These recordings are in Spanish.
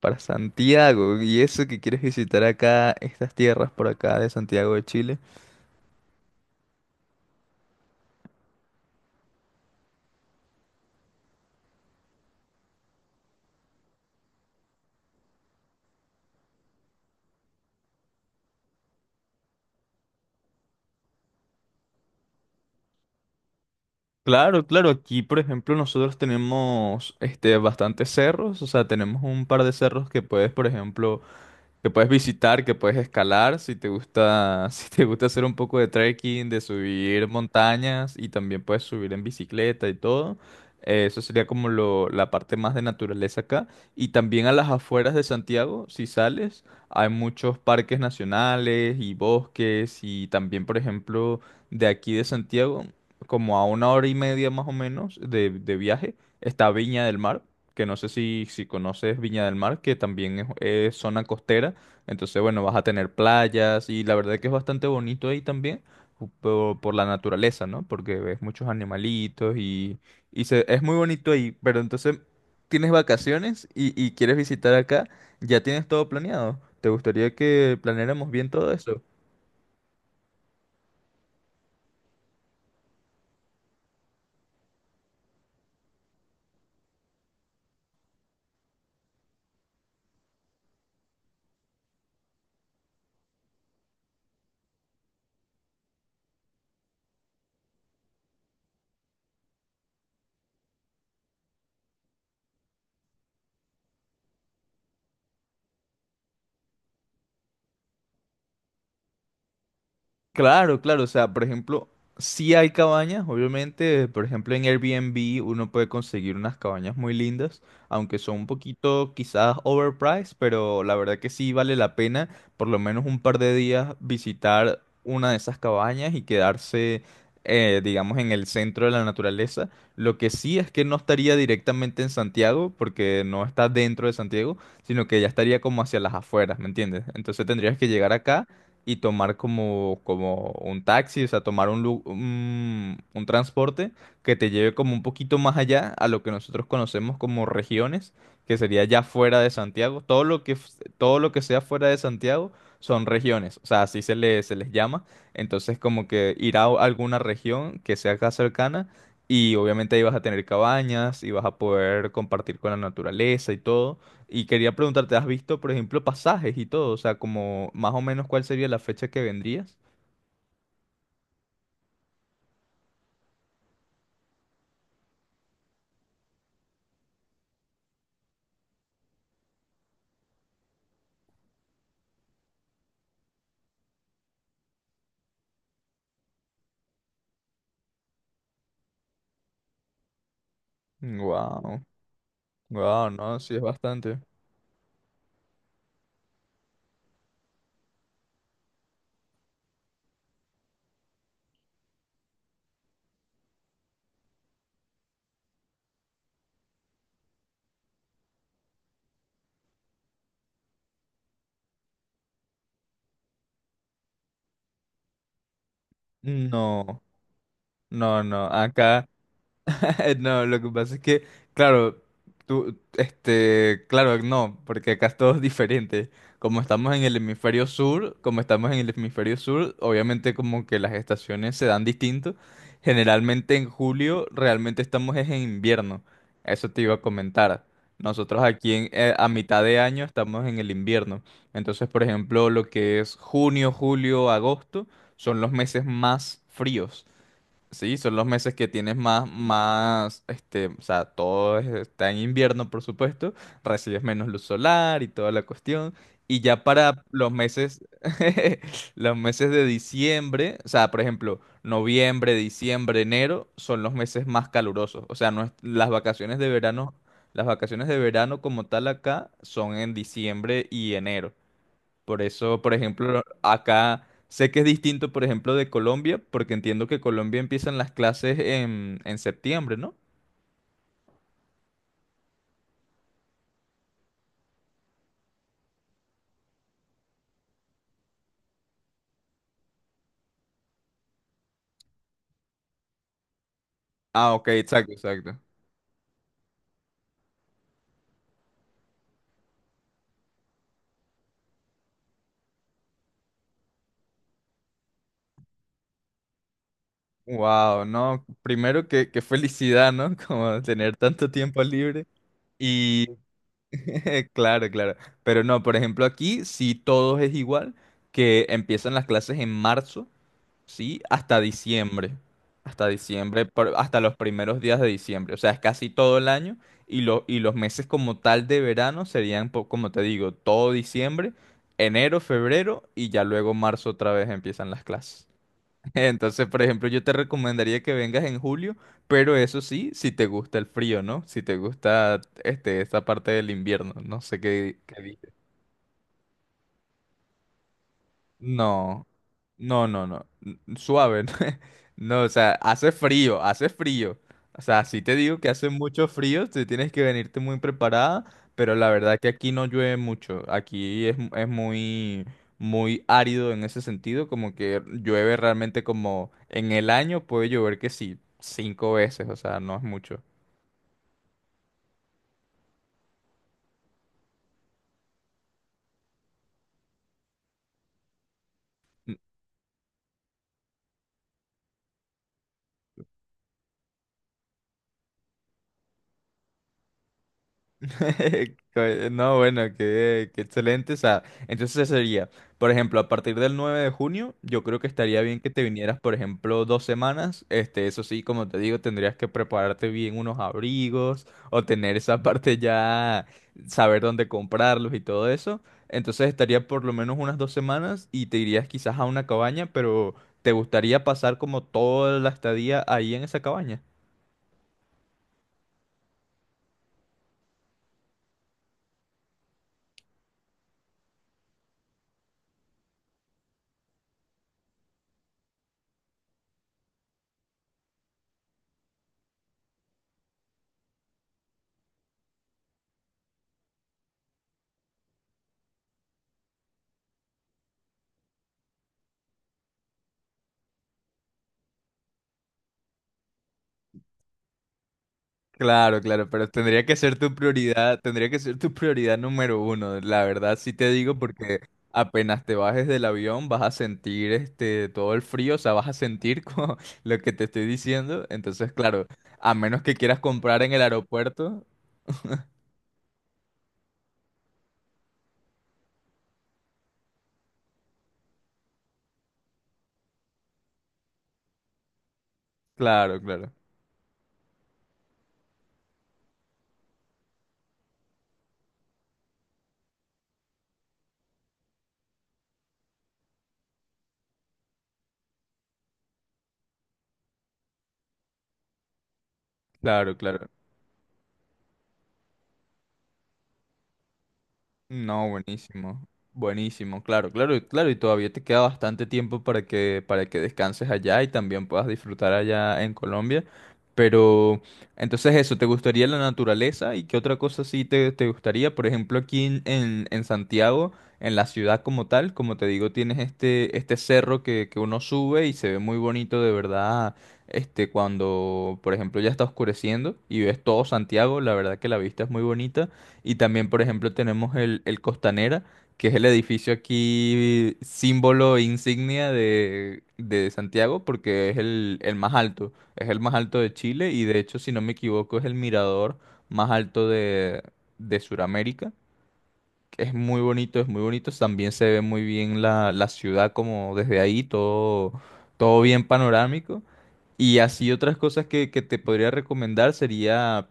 Para Santiago, y eso que quieres visitar acá, estas tierras por acá de Santiago de Chile. Claro, claro, aquí por ejemplo nosotros tenemos este bastantes cerros, o sea, tenemos un par de cerros que puedes, por ejemplo, que puedes visitar, que puedes escalar, si te gusta, si te gusta hacer un poco de trekking, de subir montañas y también puedes subir en bicicleta y todo. Eso sería como la parte más de naturaleza acá. Y también a las afueras de Santiago, si sales, hay muchos parques nacionales y bosques y también, por ejemplo, de aquí de Santiago, como a una hora y media más o menos de viaje, está Viña del Mar que no sé si conoces Viña del Mar, que también es zona costera. Entonces, bueno, vas a tener playas y la verdad que es bastante bonito ahí también por la naturaleza, ¿no? Porque ves muchos animalitos y es muy bonito ahí. Pero entonces tienes vacaciones y quieres visitar acá, ya tienes todo planeado. ¿Te gustaría que planeáramos bien todo eso? Claro, claro, o sea, por ejemplo, sí hay cabañas, obviamente, por ejemplo, en Airbnb uno puede conseguir unas cabañas muy lindas, aunque son un poquito quizás overpriced, pero la verdad que sí vale la pena por lo menos un par de días visitar una de esas cabañas y quedarse, digamos, en el centro de la naturaleza. Lo que sí es que no estaría directamente en Santiago, porque no está dentro de Santiago, sino que ya estaría como hacia las afueras, ¿me entiendes? Entonces tendrías que llegar acá y tomar como, como un taxi, o sea, tomar un, un transporte que te lleve como un poquito más allá a lo que nosotros conocemos como regiones, que sería ya fuera de Santiago. Todo lo que, f- todo lo que sea fuera de Santiago son regiones, o sea, así se le, se les llama. Entonces, como que ir a alguna región que sea acá cercana y obviamente ahí vas a tener cabañas y vas a poder compartir con la naturaleza y todo. Y quería preguntarte, ¿has visto, por ejemplo, pasajes y todo? O sea, como más o menos cuál sería la fecha que vendrías. Wow, wow, no, sí es bastante. No, no, no. Acá, no, lo que pasa es que, claro, tú, este, claro, no, porque acá es todo diferente. Como estamos en el hemisferio sur, como estamos en el hemisferio sur, obviamente como que las estaciones se dan distinto. Generalmente en julio realmente estamos es en invierno. Eso te iba a comentar. Nosotros aquí a mitad de año estamos en el invierno. Entonces, por ejemplo, lo que es junio, julio, agosto son los meses más fríos. Sí, son los meses que tienes más, más, este, o sea, está en invierno, por supuesto, recibes menos luz solar y toda la cuestión, y ya para los meses, los meses de diciembre, o sea, por ejemplo, noviembre, diciembre, enero, son los meses más calurosos, o sea, no es- las vacaciones de verano, las vacaciones de verano como tal acá son en diciembre y enero. Por eso, por ejemplo, acá sé que es distinto, por ejemplo, de Colombia, porque entiendo que Colombia empiezan las clases en septiembre, ¿no? Ah, ok, exacto, exacto. Wow, no, primero que, qué felicidad, ¿no? Como tener tanto tiempo libre. Y claro, claro. Pero no, por ejemplo, aquí sí todo es igual, que empiezan las clases en marzo. Sí, hasta diciembre. Hasta diciembre, hasta los primeros días de diciembre. O sea, es casi todo el año. Y, y los meses como tal de verano serían, como te digo, todo diciembre, enero, febrero y ya luego marzo otra vez empiezan las clases. Entonces, por ejemplo, yo te recomendaría que vengas en julio, pero eso sí, si te gusta el frío, ¿no? Si te gusta este, esta parte del invierno. No sé qué, qué. No, no, no, no. Suave. No, no, o sea, hace frío, hace frío. O sea, si te digo que hace mucho frío, te tienes que venirte muy preparada, pero la verdad que aquí no llueve mucho. Aquí es muy, muy árido en ese sentido, como que llueve realmente como en el año puede llover que sí, cinco veces, o sea, no es mucho. No, bueno, qué, qué excelente. O sea, entonces ese sería, por ejemplo, a partir del 9 de junio, yo creo que estaría bien que te vinieras, por ejemplo, dos semanas. Este, eso sí, como te digo, tendrías que prepararte bien unos abrigos o tener esa parte ya, saber dónde comprarlos y todo eso. Entonces estaría por lo menos unas dos semanas y te irías quizás a una cabaña, pero ¿te gustaría pasar como toda la estadía ahí en esa cabaña? Claro, claro, pero tendría que ser tu prioridad, número uno, la verdad sí te digo porque apenas te bajes del avión vas a sentir este todo el frío, o sea, vas a sentir como lo que te estoy diciendo, entonces claro, a menos que quieras comprar en el aeropuerto, claro, claro, claro. No, buenísimo. Buenísimo, claro, claro, claro. Y todavía te queda bastante tiempo para que descanses allá y también puedas disfrutar allá en Colombia. Pero, entonces eso, ¿te gustaría la naturaleza? ¿Y qué otra cosa sí te gustaría? Por ejemplo, aquí en Santiago, en la ciudad como tal, como te digo, tienes este, este cerro que uno sube y se ve muy bonito de verdad. Este, cuando, por ejemplo, ya está oscureciendo y ves todo Santiago, la verdad que la vista es muy bonita. Y también, por ejemplo, tenemos el Costanera, que es el edificio aquí símbolo e insignia de Santiago, porque es el más alto, es el más alto de Chile y de hecho, si no me equivoco, es el mirador más alto de Sudamérica. Que Es muy bonito, es muy bonito. También se ve muy bien la ciudad como desde ahí, todo, todo bien panorámico. Y así otras cosas que te podría recomendar sería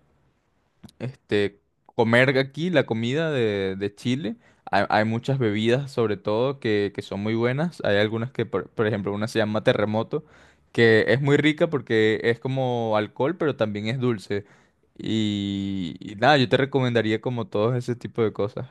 este, comer aquí la comida de Chile. Hay muchas bebidas, sobre todo, que son muy buenas. Hay algunas que, por ejemplo, una se llama Terremoto, que es muy rica porque es como alcohol, pero también es dulce. Y nada, yo te recomendaría como todos ese tipo de cosas.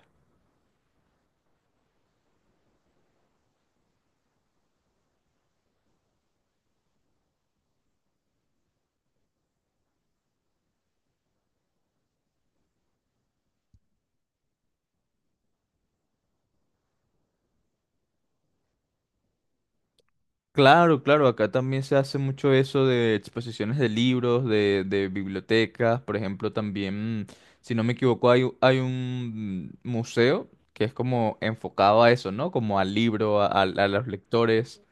Claro, claro, acá también se hace mucho eso de exposiciones de libros, de bibliotecas, por ejemplo, también, si no me equivoco, hay un museo que es como enfocado a eso, ¿no? Como al libro, a los lectores.